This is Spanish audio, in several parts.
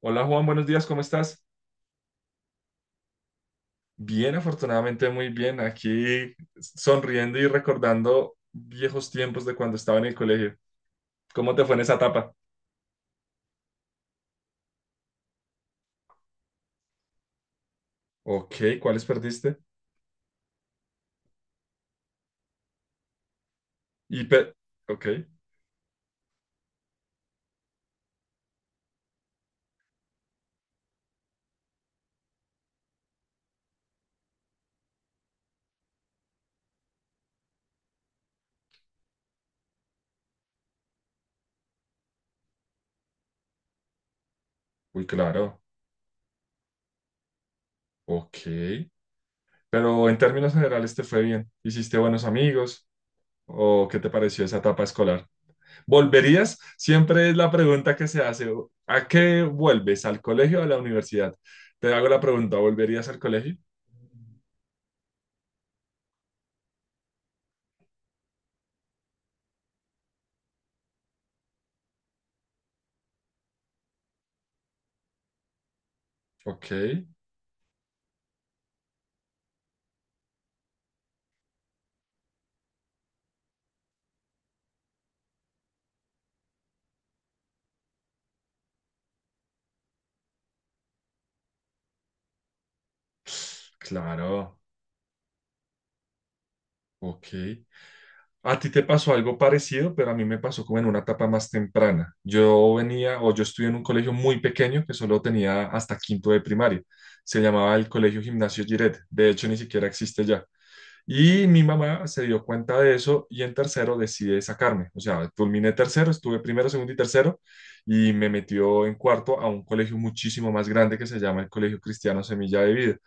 Hola Juan, buenos días, ¿cómo estás? Bien, afortunadamente muy bien, aquí sonriendo y recordando viejos tiempos de cuando estaba en el colegio. ¿Cómo te fue en esa etapa? Ok, ¿cuáles perdiste? Y pe- ok, uy, claro, ok. Pero en términos generales te fue bien. ¿Hiciste buenos amigos? ¿O qué te pareció esa etapa escolar? ¿Volverías? Siempre es la pregunta que se hace. ¿A qué vuelves? ¿Al colegio o a la universidad? Te hago la pregunta, ¿volverías al colegio? Ok. Claro, ok. A ti te pasó algo parecido, pero a mí me pasó como en una etapa más temprana. Yo venía o yo estudié en un colegio muy pequeño que solo tenía hasta quinto de primaria. Se llamaba el Colegio Gimnasio Giret. De hecho, ni siquiera existe ya. Y mi mamá se dio cuenta de eso y en tercero decide sacarme. O sea, culminé tercero, estuve primero, segundo y tercero y me metió en cuarto a un colegio muchísimo más grande que se llama el Colegio Cristiano Semilla de Vida.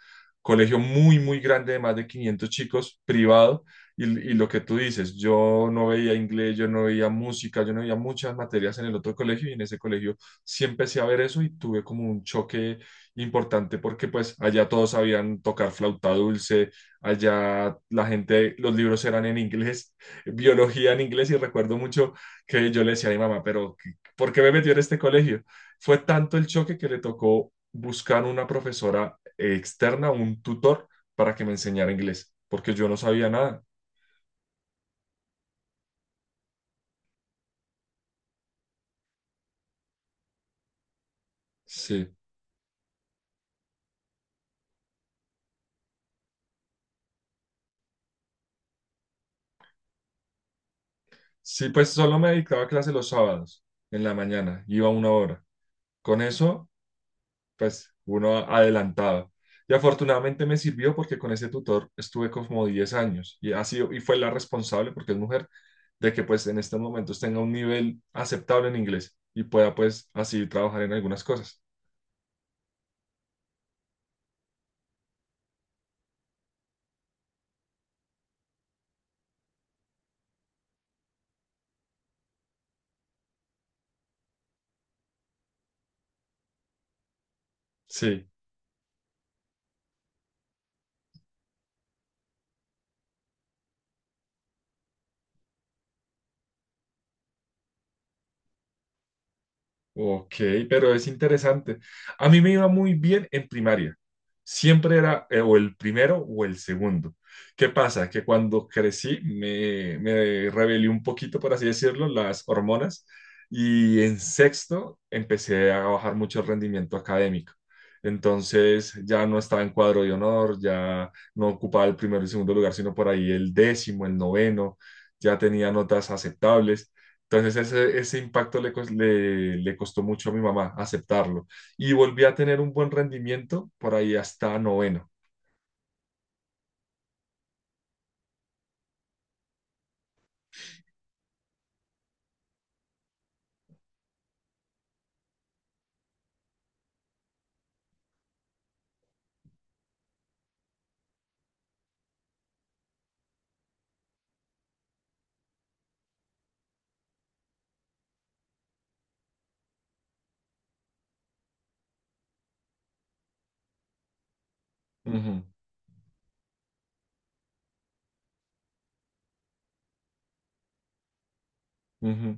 Colegio muy, muy grande de más de 500 chicos, privado. Y lo que tú dices, yo no veía inglés, yo no veía música, yo no veía muchas materias en el otro colegio y en ese colegio sí empecé a ver eso y tuve como un choque importante porque pues allá todos sabían tocar flauta dulce. Allá la gente, los libros eran en inglés, biología en inglés, y recuerdo mucho que yo le decía a mi mamá, pero ¿por qué me metió en este colegio? Fue tanto el choque que le tocó buscar una profesora externa, un tutor, para que me enseñara inglés, porque yo no sabía nada. Sí, sí, pues solo me dedicaba a clase los sábados, en la mañana, iba una hora. Con eso pues uno adelantado. Y afortunadamente me sirvió porque con ese tutor estuve como 10 años y, ha sido, y fue la responsable, porque es mujer, de que pues en estos momentos tenga un nivel aceptable en inglés y pueda pues así trabajar en algunas cosas. Sí. Ok, pero es interesante. A mí me iba muy bien en primaria. Siempre era o el primero o el segundo. ¿Qué pasa? Que cuando crecí me rebelé un poquito, por así decirlo, las hormonas y en sexto empecé a bajar mucho el rendimiento académico. Entonces ya no estaba en cuadro de honor, ya no ocupaba el primero y segundo lugar, sino por ahí el décimo, el noveno, ya tenía notas aceptables. Entonces ese impacto le costó mucho a mi mamá aceptarlo. Y volví a tener un buen rendimiento por ahí hasta noveno. Ujú, ujú,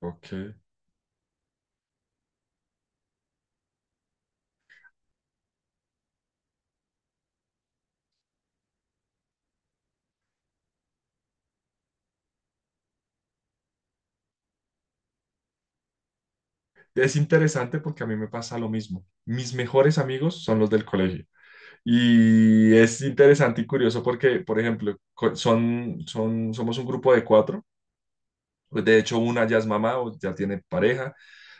ok. Es interesante porque a mí me pasa lo mismo. Mis mejores amigos son los del colegio. Y es interesante y curioso porque, por ejemplo, somos un grupo de cuatro. Pues de hecho, una ya es mamá o ya tiene pareja,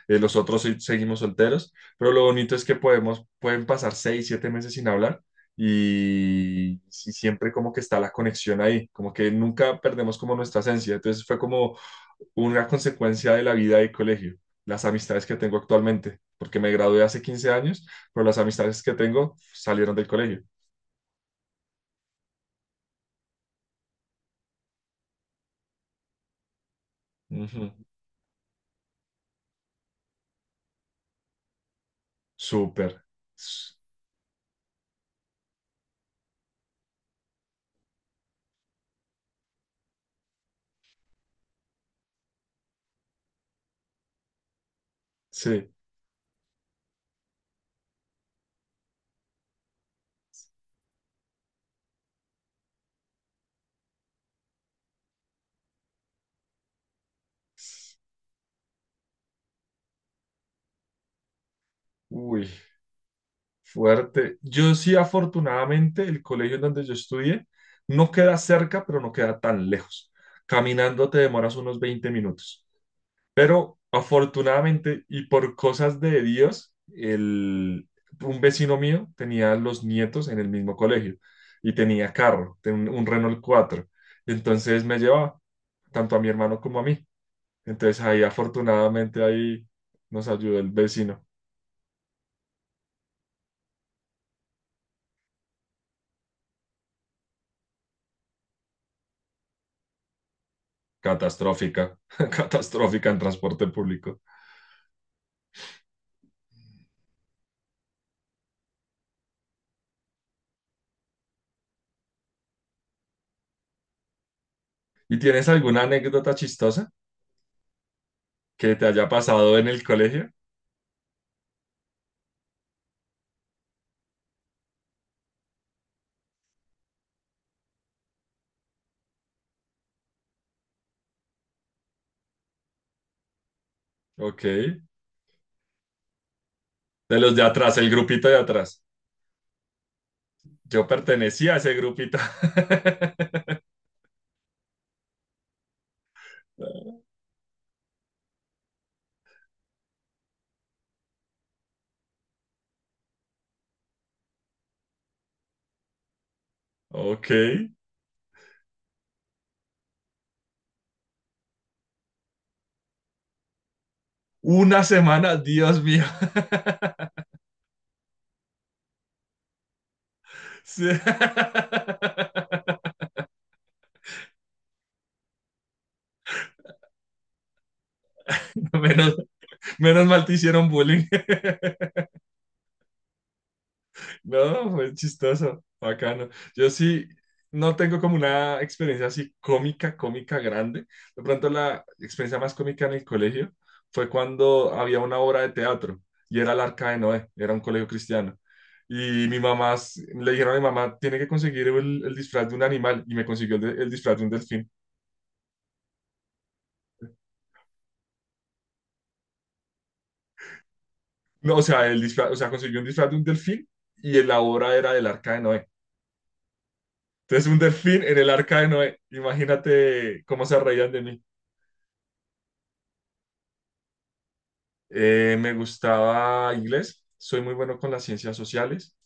los otros seguimos solteros, pero lo bonito es que podemos, pueden pasar 6, 7 meses sin hablar y siempre como que está la conexión ahí, como que nunca perdemos como nuestra esencia. Entonces fue como una consecuencia de la vida de colegio, las amistades que tengo actualmente, porque me gradué hace 15 años, pero las amistades que tengo salieron del colegio. Ujú. Súper. S- Sí. Uy. Fuerte. Yo sí, afortunadamente, el colegio en donde yo estudié no queda cerca, pero no queda tan lejos. Caminando te demoras unos 20 minutos. Pero afortunadamente y por cosas de Dios, el, un vecino mío tenía los nietos en el mismo colegio y tenía carro, un Renault 4. Entonces me llevaba tanto a mi hermano como a mí. Entonces ahí afortunadamente ahí nos ayudó el vecino. Catastrófica, catastrófica en transporte público. ¿Y tienes alguna anécdota chistosa que te haya pasado en el colegio? Ok. De los de atrás, el grupito de atrás. Yo pertenecía a ese grupito. Ok. Una semana, Dios mío. Sí. Menos, menos mal te hicieron bullying. No, fue chistoso, bacano. Yo sí no tengo como una experiencia así cómica, cómica grande. De pronto la experiencia más cómica en el colegio fue cuando había una obra de teatro y era el Arca de Noé, era un colegio cristiano. Y mi mamá, le dijeron a mi mamá, tiene que conseguir el disfraz de un animal y me consiguió el, el disfraz de un delfín. No, o sea, el disfraz, o sea, consiguió un disfraz de un delfín y en la obra era del Arca de Noé. Entonces un delfín en el Arca de Noé, imagínate cómo se reían de mí. Me gustaba inglés, soy muy bueno con las ciencias sociales,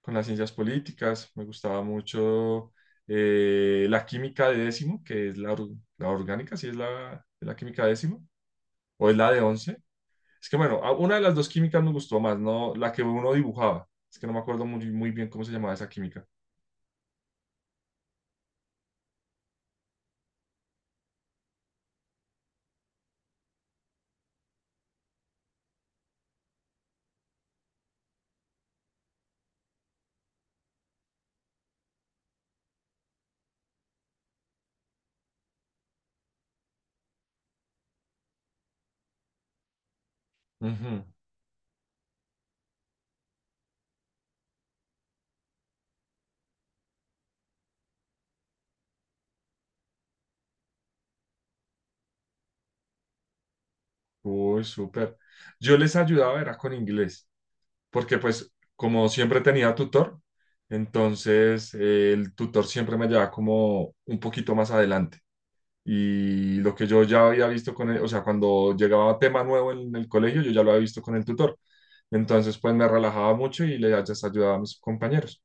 con las ciencias políticas, me gustaba mucho la química de décimo, que es la, la orgánica, si es la, la química de décimo, o es la de once. Es que bueno, una de las dos químicas me gustó más, no la que uno dibujaba, es que no me acuerdo muy, muy bien cómo se llamaba esa química. Ujú. Uy, súper. Yo les ayudaba, era con inglés. Porque pues como siempre tenía tutor, entonces el tutor siempre me llevaba como un poquito más adelante. Y lo que yo ya había visto con él, o sea, cuando llegaba tema nuevo en el colegio, yo ya lo había visto con el tutor. Entonces, pues me relajaba mucho y le just ayudaba a mis compañeros.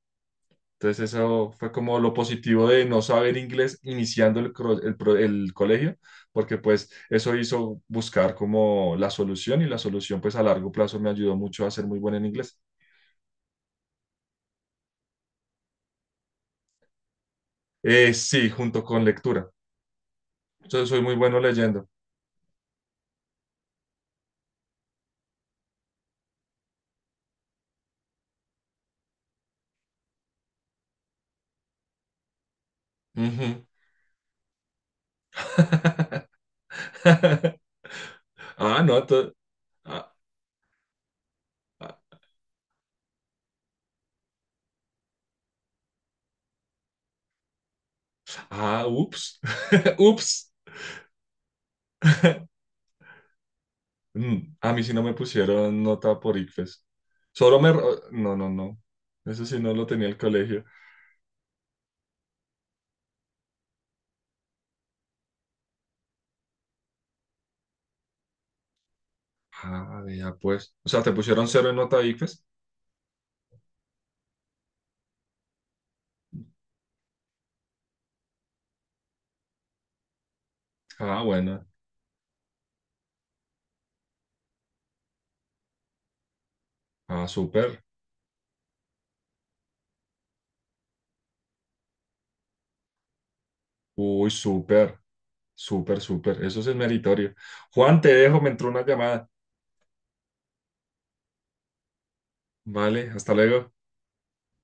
Entonces, eso fue como lo positivo de no saber inglés iniciando el, el colegio, porque pues eso hizo buscar como la solución y la solución pues a largo plazo me ayudó mucho a ser muy bueno en inglés. Sí, junto con lectura. Yo soy muy bueno leyendo. Ujú. Ah, no, ah, ah, ah, ups, ups. A mí sí no me pusieron nota por ICFES. Solo me... No, no, no. Eso sí no lo tenía el colegio. Ah, ya pues. O sea, ¿te pusieron cero en nota ICFES? Ah, bueno. Ah, súper. Uy, súper. Súper, súper. Eso sí es meritorio. Juan, te dejo, me entró una llamada. Vale, hasta luego.